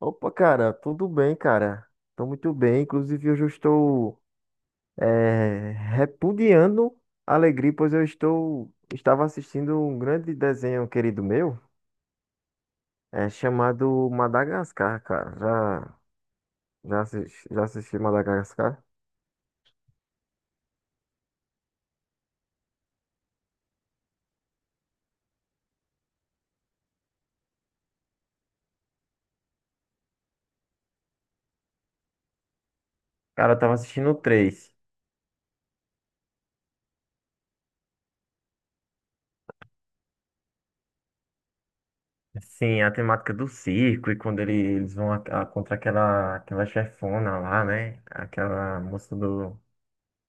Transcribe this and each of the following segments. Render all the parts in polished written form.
Opa, cara, tudo bem, cara? Tô muito bem. Inclusive, hoje eu estou repudiando a alegria, pois eu estou estava assistindo um grande desenho querido meu, é chamado Madagascar, cara. Já assisti Madagascar? Cara, eu tava assistindo o 3. Sim, a temática do circo e quando eles vão contra aquela chefona lá, né? Aquela moça do.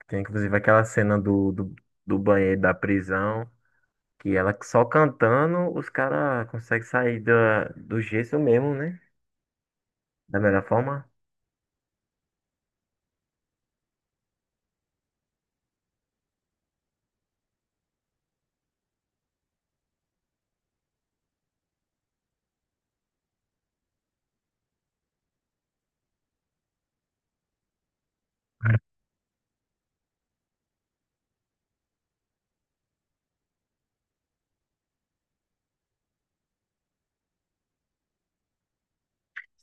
Tem inclusive aquela cena do banheiro da prisão. Que ela só cantando, os caras conseguem sair do gesso mesmo, né? Da melhor forma.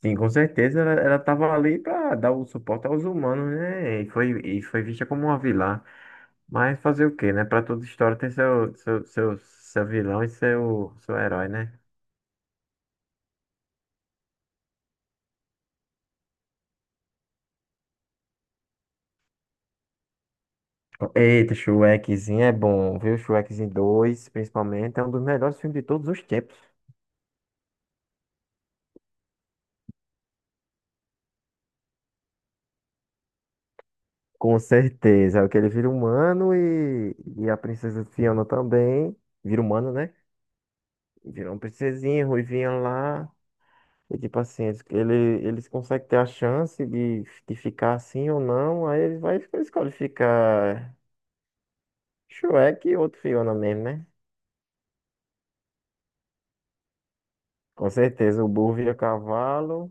Sim, com certeza ela tava ali pra dar o suporte aos humanos, né? E foi vista como uma vilã. Mas fazer o quê, né? Pra toda história tem seu vilão e seu herói, né? Eita, Shrekzinho é bom, viu? Shrekzinho dois principalmente, é um dos melhores filmes de todos os tempos. Com certeza, é o que ele vira humano e a princesa Fiona também vira humano, né? Virou um princesinha, ruivinha lá. E tipo assim, eles conseguem ter a chance de ficar assim ou não. Aí eles vai escolhe ficar Shrek e outro Fiona mesmo, né? Com certeza, o burro vira cavalo.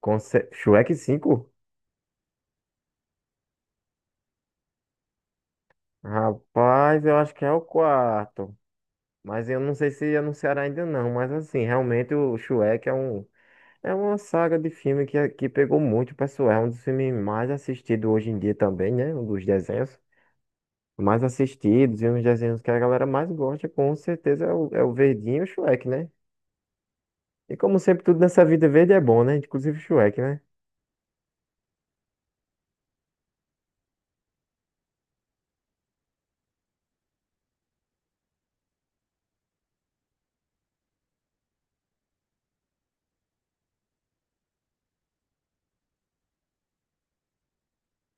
Shrek 5? Rapaz, eu acho que é o quarto. Mas eu não sei se anunciaram ainda não. Mas assim, realmente o Shrek é um. É uma saga de filme que pegou muito, pessoal. É um dos filmes mais assistidos hoje em dia também, né? Um dos desenhos mais assistidos e uns desenhos que a galera mais gosta, com certeza, é é o Verdinho e o Shrek, né? E como sempre, tudo nessa vida verde é bom, né? Inclusive o Shrek, né?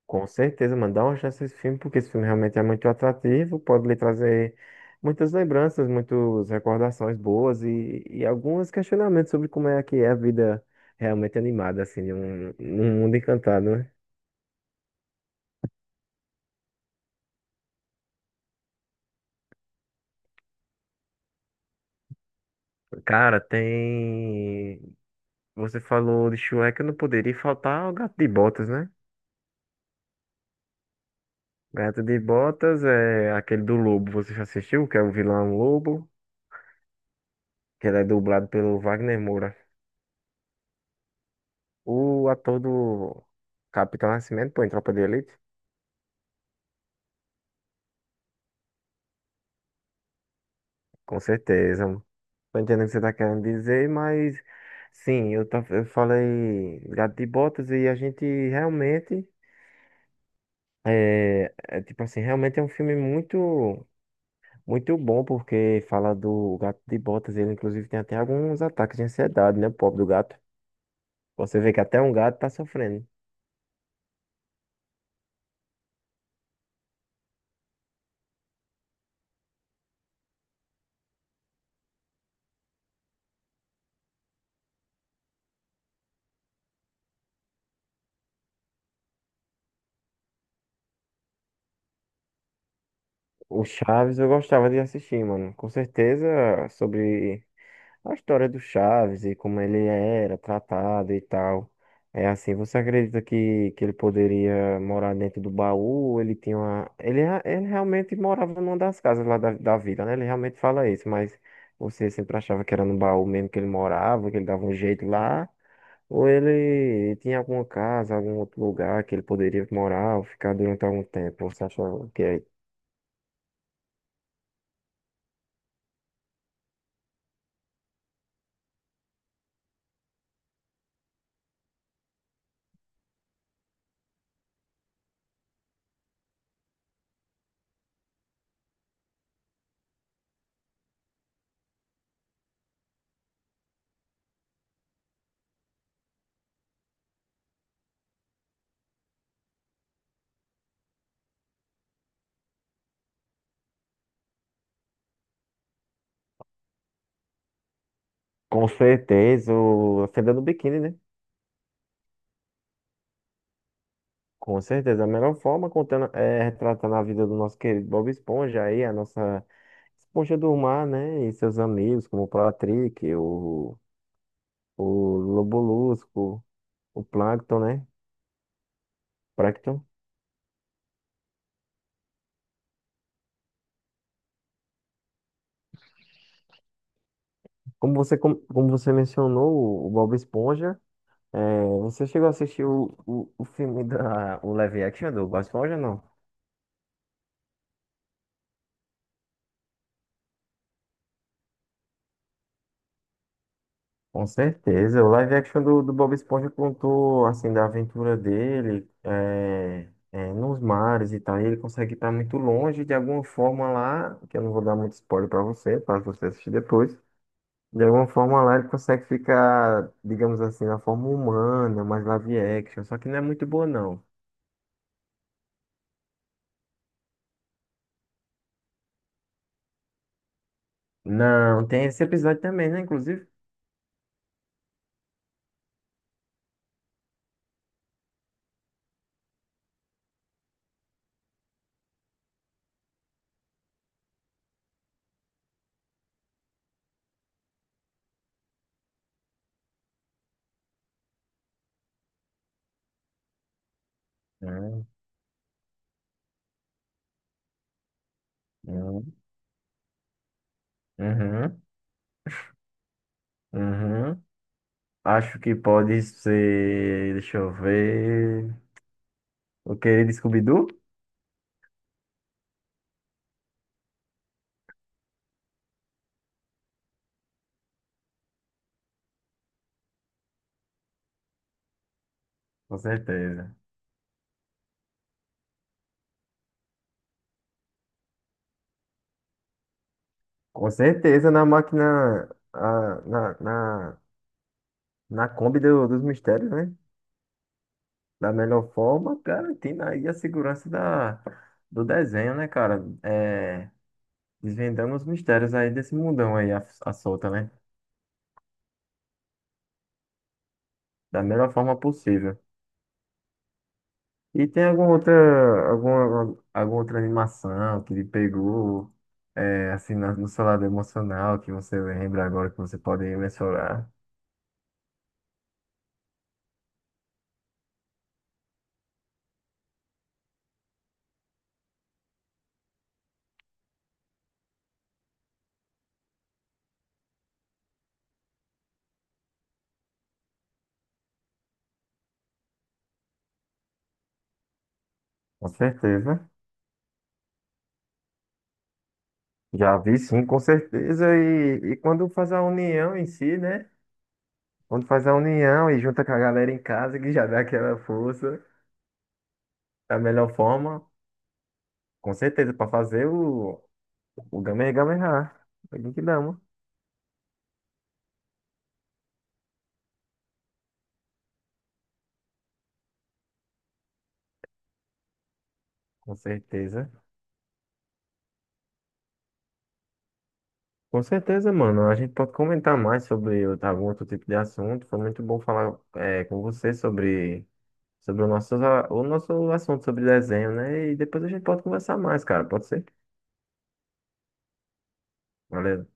Com certeza, mano, dá uma chance a esse filme, porque esse filme realmente é muito atrativo, pode lhe trazer muitas lembranças, muitas recordações boas e alguns questionamentos sobre como é que é a vida realmente animada, assim, num mundo encantado, né? Cara, tem. Você falou de Shrek, eu não poderia faltar o Gato de Botas, né? Gato de Botas é aquele do Lobo, você já assistiu? Que é o vilão Lobo, que ele é dublado pelo Wagner Moura. O ator do Capitão Nascimento, pô, em Tropa de Elite? Com certeza, mano. Tô entendendo o que você tá querendo dizer, mas sim, eu falei Gato de Botas e a gente realmente realmente é um filme muito bom porque fala do Gato de Botas, ele inclusive tem até alguns ataques de ansiedade, né, o pobre do gato. Você vê que até um gato tá sofrendo. O Chaves eu gostava de assistir, mano. Com certeza sobre a história do Chaves e como ele era tratado e tal. É assim, você acredita que ele poderia morar dentro do baú? Ele tinha uma... ele, ele realmente morava numa das casas lá da vila, né? Ele realmente fala isso, mas você sempre achava que era no baú mesmo que ele morava, que ele dava um jeito lá? Ou ele tinha alguma casa, algum outro lugar que ele poderia morar ou ficar durante algum tempo? Você achava que é com certeza, o a Fenda do Biquíni, né? Com certeza, a melhor forma contando, é retratando a vida do nosso querido Bob Esponja aí, a nossa Esponja do Mar, né? E seus amigos, como o Patrick, o Lobolusco, o Plankton, né? Plankton. Como como você mencionou, o Bob Esponja, é, você chegou a assistir o filme da, o live action do Bob Esponja, não? Com certeza. O live action do Bob Esponja contou, assim, da aventura dele nos mares e tal. E ele consegue estar muito longe de alguma forma lá, que eu não vou dar muito spoiler pra você, para você assistir depois. De alguma forma lá ele consegue ficar, digamos assim, na forma humana, mais live action. Só que não é muito boa, não. Não, tem esse episódio também, né, inclusive? Hum, hum. Uhum, uhum. Acho que pode ser. Deixa eu ver. O querido Scooby-Doo? Com certeza. Com certeza na máquina, na, na Kombi dos mistérios, né? Da melhor forma, garantindo aí a segurança da, do desenho, né, cara? É, desvendando os mistérios aí desse mundão aí, a solta, né? Da melhor forma possível. E tem alguma outra, alguma outra animação que ele pegou, é, assim, no seu lado emocional, que você lembra agora, que você pode mencionar? Com certeza. Já vi sim, com certeza. E quando faz a união em si, né? Quando faz a união e junta com a galera em casa, que já dá aquela força da melhor forma, com certeza, para fazer o Gamergamerra. Tem que dar, mano. Com certeza. Com certeza, mano. A gente pode comentar mais sobre outro- algum outro tipo de assunto. Foi muito bom falar é, com você sobre, sobre o nosso assunto sobre desenho, né? E depois a gente pode conversar mais, cara. Pode ser? Valeu.